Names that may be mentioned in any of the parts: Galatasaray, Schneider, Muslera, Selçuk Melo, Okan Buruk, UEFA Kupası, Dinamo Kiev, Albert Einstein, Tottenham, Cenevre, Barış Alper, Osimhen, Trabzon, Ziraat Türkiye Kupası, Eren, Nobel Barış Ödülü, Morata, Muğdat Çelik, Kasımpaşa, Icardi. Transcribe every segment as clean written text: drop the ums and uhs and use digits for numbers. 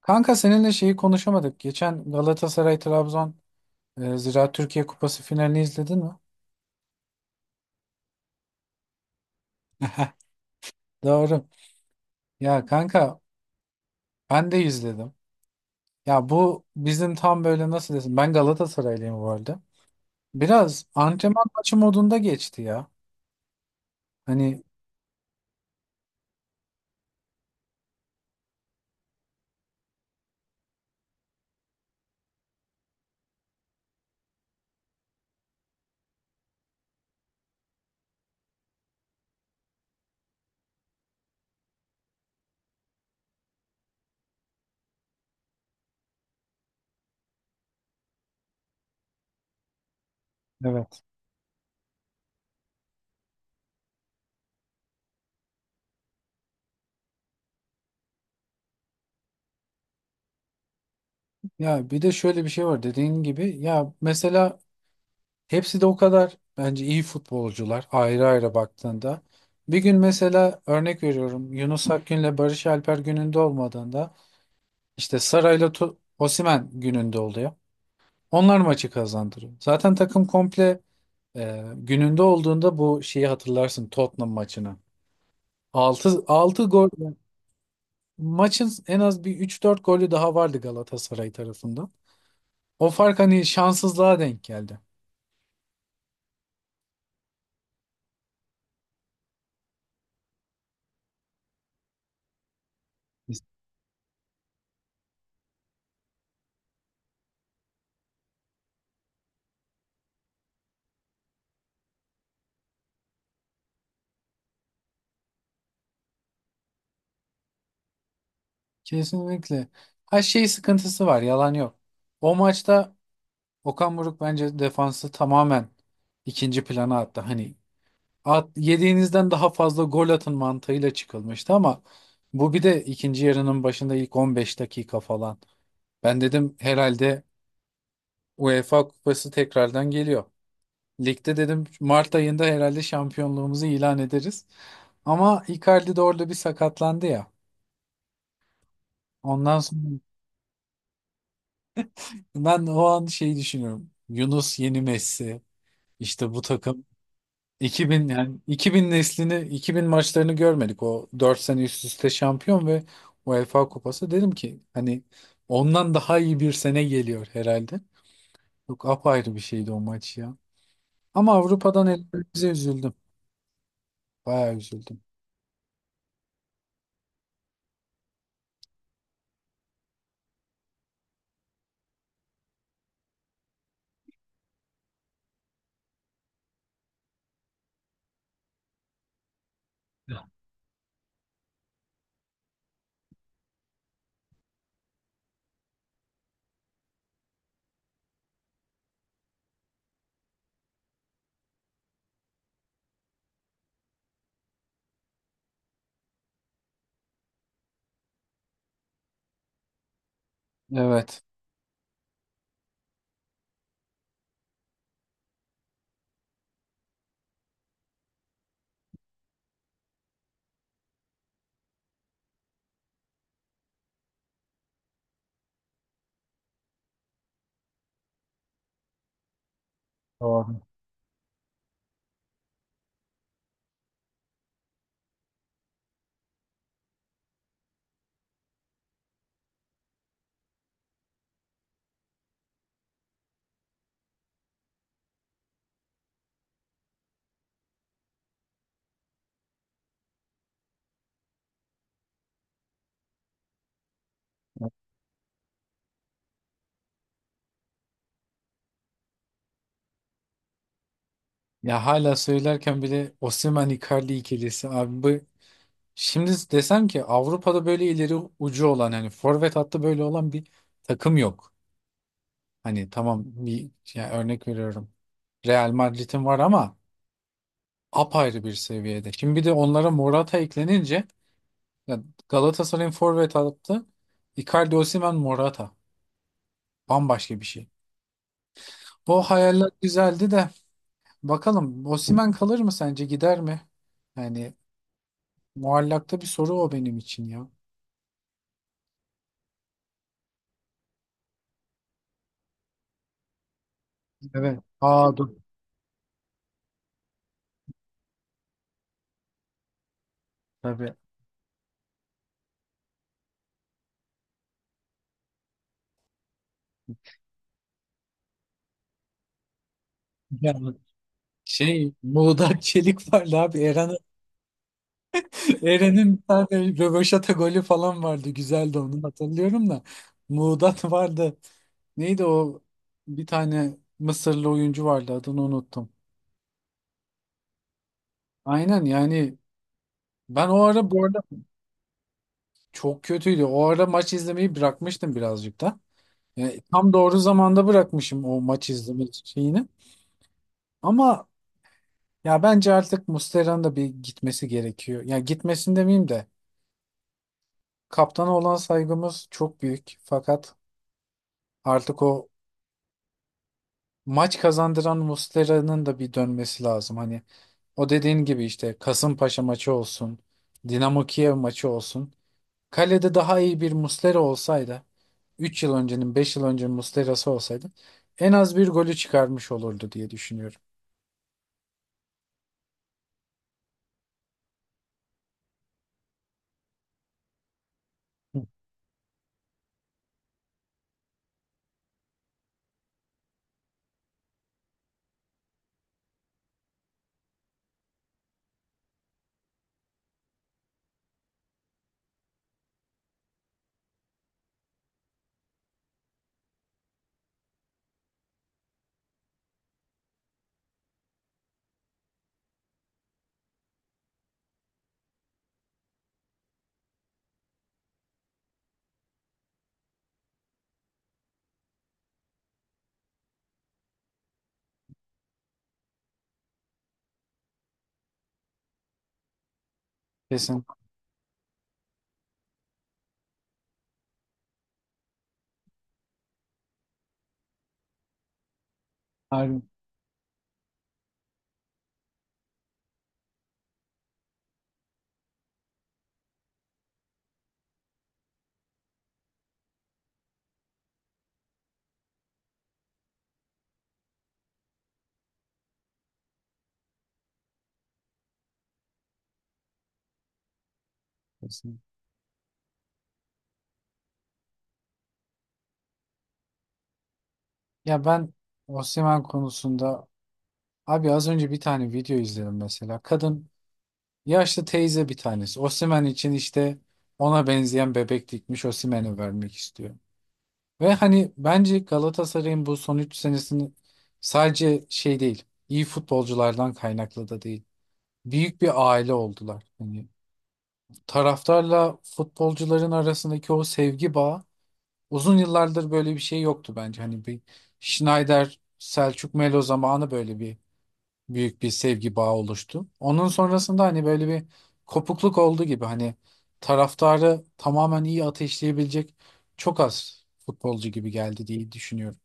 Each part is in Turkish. Kanka seninle şeyi konuşamadık. Geçen Galatasaray Trabzon Ziraat Türkiye Kupası finalini izledin mi? Doğru. Ya kanka ben de izledim. Ya bu bizim tam böyle nasıl desin? Ben Galatasaraylıyım bu arada. Biraz antrenman maçı modunda geçti ya. Hani evet. Ya bir de şöyle bir şey var, dediğin gibi, ya mesela hepsi de o kadar bence iyi futbolcular, ayrı ayrı baktığında. Bir gün mesela, örnek veriyorum, Yunus Akgün'le Barış Alper gününde olmadığında İşte Saray'la Osimhen gününde oluyor. Onlar maçı kazandırıyor. Zaten takım komple gününde olduğunda, bu şeyi hatırlarsın, Tottenham maçını. 6-6 gol, maçın en az bir 3-4 golü daha vardı Galatasaray tarafından. O fark hani şanssızlığa denk geldi. Kesinlikle. Her şey sıkıntısı var, yalan yok. O maçta Okan Buruk bence defansı tamamen ikinci plana attı. Hani at, yediğinizden daha fazla gol atın mantığıyla çıkılmıştı, ama bu bir de ikinci yarının başında ilk 15 dakika falan. Ben dedim herhalde UEFA Kupası tekrardan geliyor. Ligde dedim Mart ayında herhalde şampiyonluğumuzu ilan ederiz. Ama Icardi de orada bir sakatlandı ya. Ondan sonra ben o an şeyi düşünüyorum. Yunus yeni Messi. İşte bu takım 2000, yani 2000 neslini, 2000 maçlarını görmedik. O 4 sene üst üste şampiyon ve UEFA Kupası, dedim ki hani ondan daha iyi bir sene geliyor herhalde. Yok, apayrı bir şeydi o maç ya. Ama Avrupa'dan elbette üzüldüm. Bayağı üzüldüm. Evet. Doğru. Ya hala söylerken bile Osimhen Icardi ikilisi, abi bu, şimdi desem ki Avrupa'da böyle ileri ucu olan, hani forvet hattı böyle olan bir takım yok. Hani tamam, bir yani örnek veriyorum. Real Madrid'in var ama apayrı bir seviyede. Şimdi bir de onlara Morata eklenince, ya, Galatasaray'ın forvet hattı Icardi, Osimhen, Morata, bambaşka bir şey. O hayaller güzeldi de, bakalım Osimhen kalır mı sence, gider mi? Yani muallakta bir soru o, benim için ya. Evet. Aa, dur. Tabii. Yani şey Muğdat Çelik vardı abi Eren'in bir tane röveşata golü falan vardı. Güzeldi, onu hatırlıyorum da. Muğdat vardı. Neydi o, bir tane Mısırlı oyuncu vardı, adını unuttum. Aynen. Yani ben o ara, bu arada, çok kötüydü. O ara maç izlemeyi bırakmıştım birazcık da. Yani tam doğru zamanda bırakmışım o maç izleme şeyini. Ama ya bence artık Muslera'nın da bir gitmesi gerekiyor. Ya gitmesin demeyeyim de, kaptana olan saygımız çok büyük. Fakat artık o maç kazandıran Muslera'nın da bir dönmesi lazım. Hani o dediğin gibi, işte Kasımpaşa maçı olsun, Dinamo Kiev maçı olsun. Kalede daha iyi bir Muslera olsaydı, 3 yıl öncenin, 5 yıl öncenin Muslera'sı olsaydı, en az bir golü çıkarmış olurdu diye düşünüyorum. Kesin. Harbi. Kesin. Ya ben Osimhen konusunda, abi az önce bir tane video izledim mesela. Kadın, yaşlı teyze bir tanesi, Osimhen için işte ona benzeyen bebek dikmiş, Osimhen'e vermek istiyor. Ve hani bence Galatasaray'ın bu son 3 senesini sadece şey değil, iyi futbolculardan kaynaklı da değil. Büyük bir aile oldular. Hani taraftarla futbolcuların arasındaki o sevgi bağı, uzun yıllardır böyle bir şey yoktu bence. Hani bir Schneider, Selçuk Melo zamanı böyle bir büyük bir sevgi bağı oluştu. Onun sonrasında hani böyle bir kopukluk oldu gibi, hani taraftarı tamamen iyi ateşleyebilecek çok az futbolcu gibi geldi diye düşünüyorum.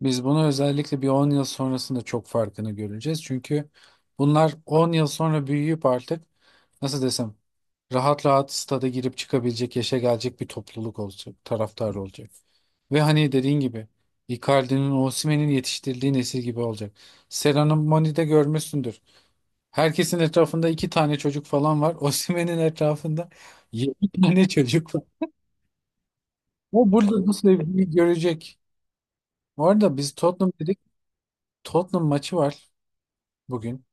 Biz bunu özellikle bir 10 yıl sonrasında çok farkını göreceğiz. Çünkü bunlar 10 yıl sonra büyüyüp artık, nasıl desem, rahat rahat stada girip çıkabilecek yaşa gelecek bir topluluk olacak, taraftar olacak. Ve hani dediğin gibi Icardi'nin, Osimhen'in yetiştirildiği nesil gibi olacak. Serhan'ın Moni'de görmüşsündür. Herkesin etrafında 2 tane çocuk falan var. Osimhen'in etrafında 7 tane çocuk var. O burada bu sevgiyi görecek. Bu arada biz Tottenham dedik. Tottenham maçı var bugün.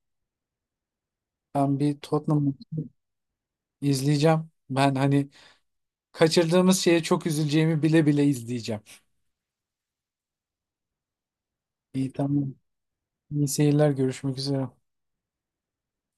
Ben bir Tottenham'ı izleyeceğim. Ben hani kaçırdığımız şeye çok üzüleceğimi bile bile izleyeceğim. İyi, tamam. İyi seyirler. Görüşmek üzere.